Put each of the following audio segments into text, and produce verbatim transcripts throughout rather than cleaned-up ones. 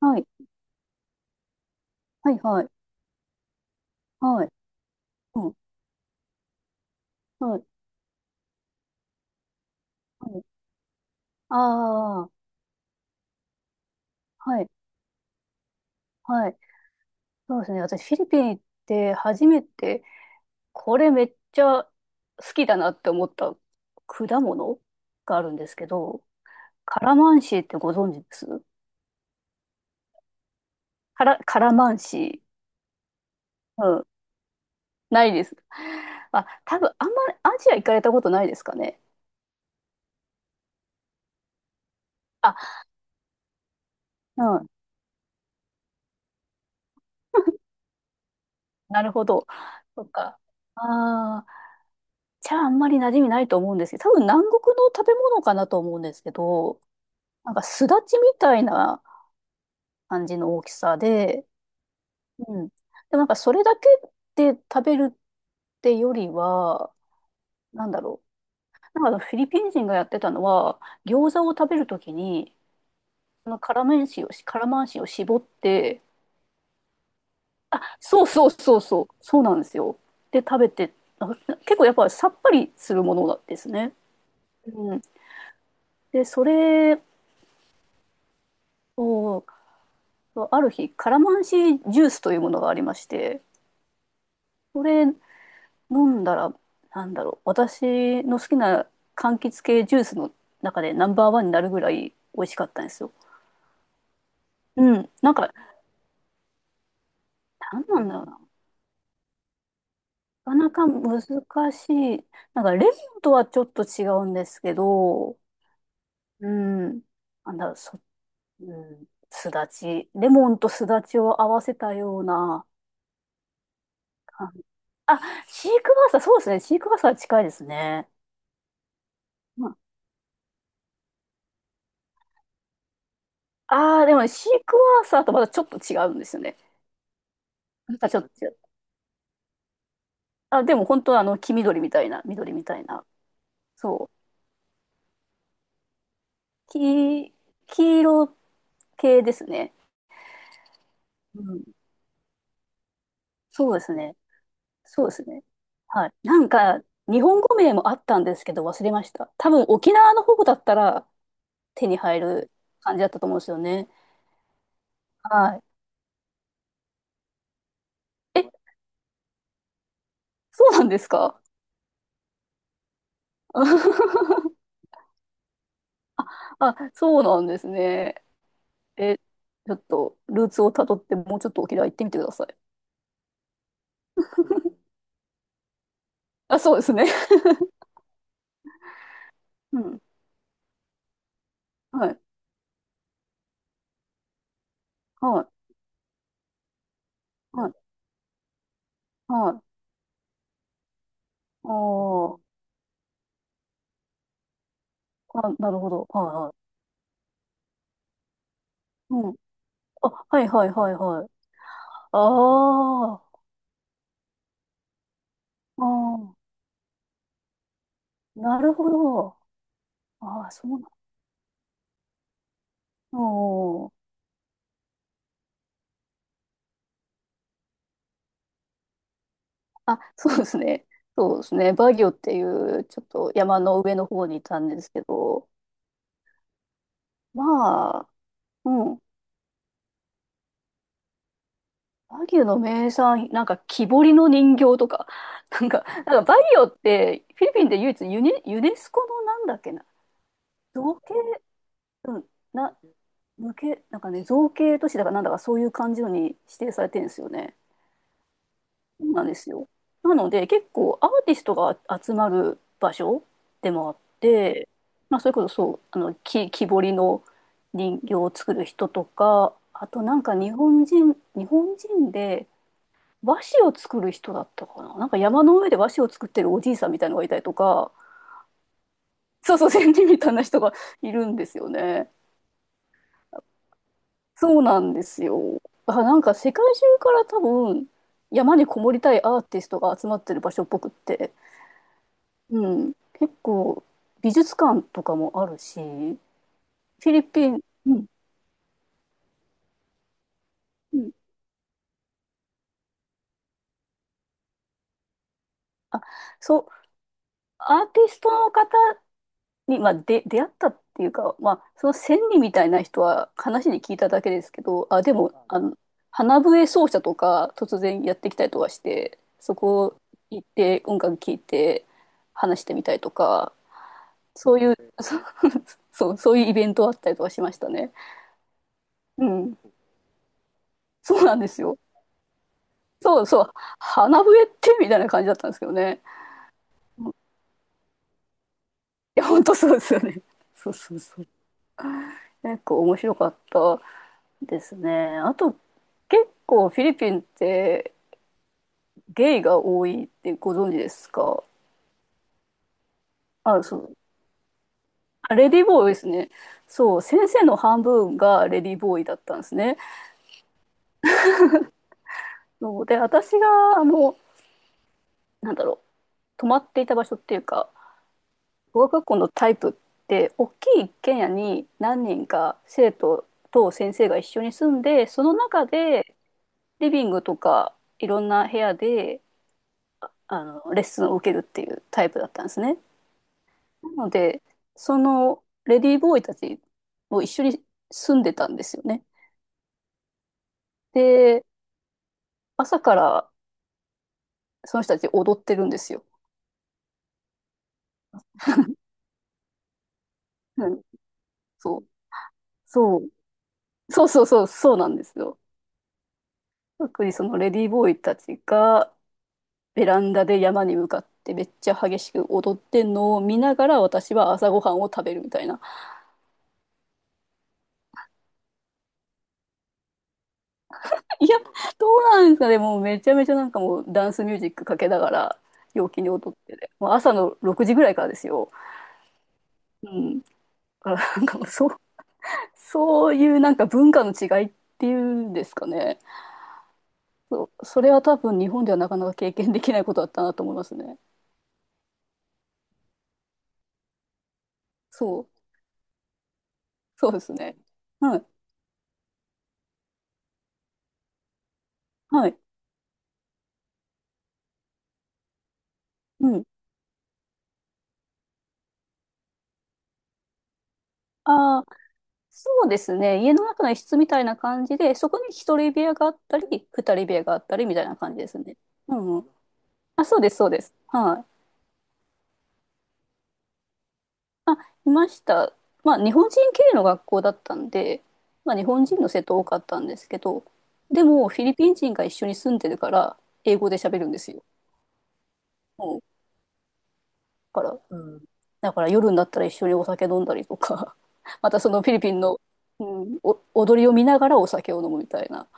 はい、はい、はい、はい、うん、はい、はい、ああ、はい、はい、そうですね。私、フィリピン行って初めて、これめっちゃ好きだなって思った果物があるんですけど、カラマンシーってご存知ですカラ、カラマンシー。うん、ないです。あ、多分あんまアジア行かれたことないですかね。あ、うん、なるほど。そっか。ああ、茶はあんまり馴染みないと思うんですけど、多分南国の食べ物かなと思うんですけど、なんかすだちみたいな感じの大きさで、うん。でもなんかそれだけで食べるってよりは、なんだろう。なんかあのフィリピン人がやってたのは、餃子を食べるときに、その辛麺塩を、辛マンシを絞って、そうそうそうそう、そうなんですよ。で、食べて、あ、結構やっぱさっぱりするものなんですね。うん。で、それを、そう、ある日、カラマンシージュースというものがありまして、これ飲んだら、なんだろう、私の好きな柑橘系ジュースの中でナンバーワンになるぐらい美味しかったんですよ。うん、なんか、なんなんだろうな。なかなか難しい。なんか、レモンとはちょっと違うんですけど、うん、なんだろう、そ、うん、すだち。レモンとすだちを合わせたような感じ。あ、シークワーサー、そうですね。シークワーサー近いですね。ああ、でもね、シークワーサーとまたちょっと違うんですよね。またちょっと違う。あ、でも本当はあの、黄緑みたいな、緑みたいな。そう。黄、黄色系ですね。うん。そうですね。そうですね。はい。なんか、日本語名もあったんですけど、忘れました。多分沖縄の方だったら手に入る感じだったと思うんですよね。はい。え、そうなんですか？ あ、そうなんですね。え、ちょっと、ルーツをたどって、もうちょっと沖縄行ってみてください。あ、そうですね。うん。はい。はい。はい。はい。あー、あ、なるほど。はい。はい。うん。あ、はいはいはいはい。ああ、あ、ああ、なるほど。ああ、そうなの。あ、そうですね。そうですね。バギオっていう、ちょっと山の上の方にいたんですけど、まあ、うん。バギオの名産、なんか木彫りの人形とか、なんか、なんかバギオって、フィリピンで唯一ユニ、ユネスコのなんだっけな、造形、うん、な、無形、なんかね、造形都市だからなんだかそういう感じのに指定されてるんですよね。そうなんですよ。なので、結構アーティストが集まる場所でもあって、まあ、それこそそう、あの、木、木彫りの人形を作る人とか、あとなんか日本人、日本人で和紙を作る人だったかな。なんか山の上で和紙を作ってるおじいさんみたいのがいたりとか、そうそう、先人みたいな人がいるんですよね。そうなんですよ。だからなんか世界中から多分山にこもりたいアーティストが集まってる場所っぽくって、うん、結構美術館とかもあるし、フィリピン、うん、うん、あ、そう、アーティストの方に、まあ、で、出会ったっていうか、まあ、その千里みたいな人は話に聞いただけですけど、あ、でも、あの、花笛奏者とか突然やってきたりとかして、そこ行って音楽聴いて話してみたりとか、そういう、そ う、そうそういうイベントあったりとかしましたね。うん。そうなんですよ。そうそう。花笛ってみたいな感じだったんですけどね。うん、いや、本当そうですよね。そうそうそう。結構面白かったですね。あと、結構フィリピンってゲイが多いってご存知ですか？あ、そう。あ、レディーボーイですね。そう、先生の半分がレディーボーイだったんですね。そうで、私が、あの、なんだろう、泊まっていた場所っていうか、語学学校のタイプって、大きい一軒家に何人か生徒と先生が一緒に住んで、その中でリビングとかいろんな部屋であのレッスンを受けるっていうタイプだったんですね。なのでそのレディーボーイたちも一緒に住んでたんですよね。で、朝からその人たち踊ってるんですよ。うん、そうそうそうそうそうそうなんですよ。特にそのレディーボーイたちがベランダで山に向かってめっちゃ激しく踊ってんのを見ながら私は朝ごはんを食べるみたいな。いや、どうなんですかね。もうめちゃめちゃなんかもうダンスミュージックかけながら陽気に踊ってて。もう朝のろくじぐらいからですよ。うん。だからなんかもうそう、そういうなんか文化の違いっていうんですかね。そう、それは多分日本ではなかなか経験できないことだったなと思いますね。そう、そうですね。はい、はい、うん。ああ、そうですね。家の中の一室みたいな感じで、そこに一人部屋があったり、二人部屋があったりみたいな感じですね。うんうん。あ、そうです、そうです。はい。あ、いました。まあ、日本人系の学校だったんで、まあ、日本人の生徒多かったんですけど、でも、フィリピン人が一緒に住んでるから、英語で喋るんですよ。うん。だから、うん。だから夜になったら一緒にお酒飲んだりとか、またそのフィリピンの、うん、お踊りを見ながらお酒を飲むみたいな。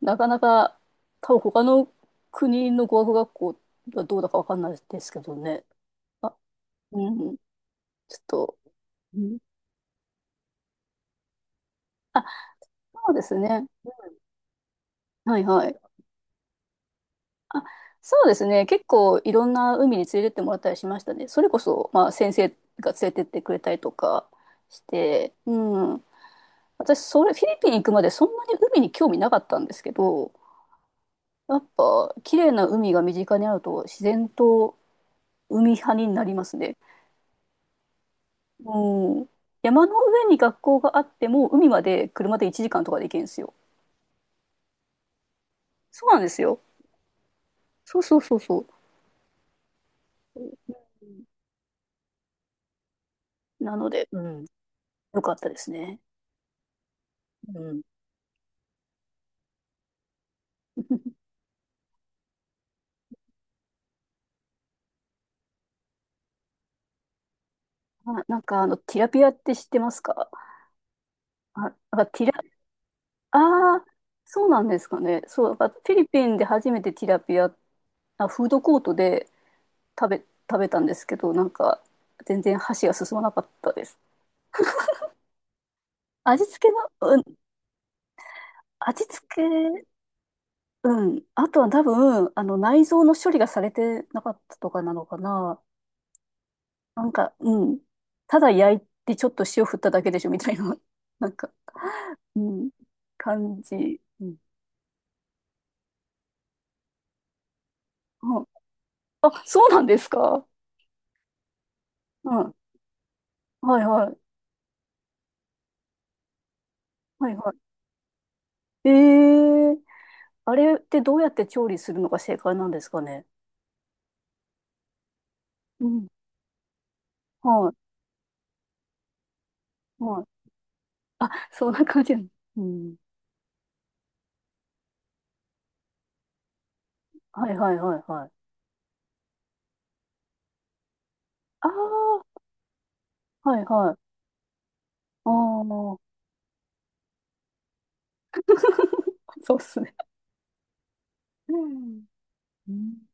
なかなか、多分他の国の語学学校はどうだかわかんないですけどね。あ、うん、ちょっと、うん、あ、そうですね。はいはい。あ、そうですね。結構いろんな海に連れてってもらったりしましたね。それこそ、まあ先生が連れてってくれたりとかして、うん。私、それ、フィリピン行くまでそんなに海に興味なかったんですけど、やっぱ、綺麗な海が身近にあると自然と海派になりますね。もうん。山の上に学校があっても、海まで車でいちじかんとかで行けるんですよ。そうなんですよ。そうそうそうそう。なので、うん、よかったですね。うん。あ、なんかあの、ティラピアって知ってますか？あ、なんかティラ、ああ、そうなんですかね。そう、なんかフィリピンで初めてティラピア、あ、フードコートで食べ、食べたんですけど、なんか全然箸が進まなかったです。味付けの、うん、味付け、うん。あとは多分、あの、内臓の処理がされてなかったとかなのかな。なんか、うん。ただ焼いてちょっと塩振っただけでしょみたいな、なんか、うん、感じ。うん。あ、あそうなんですか。うん。はいはい。はいはい。ええ、あれってどうやって調理するのが正解なんですかね。うん。はい。はい。あ、そんな感じなの。うん。はいはいはいはい。ああ、はいはい。ああ。そうっすね。うん。うん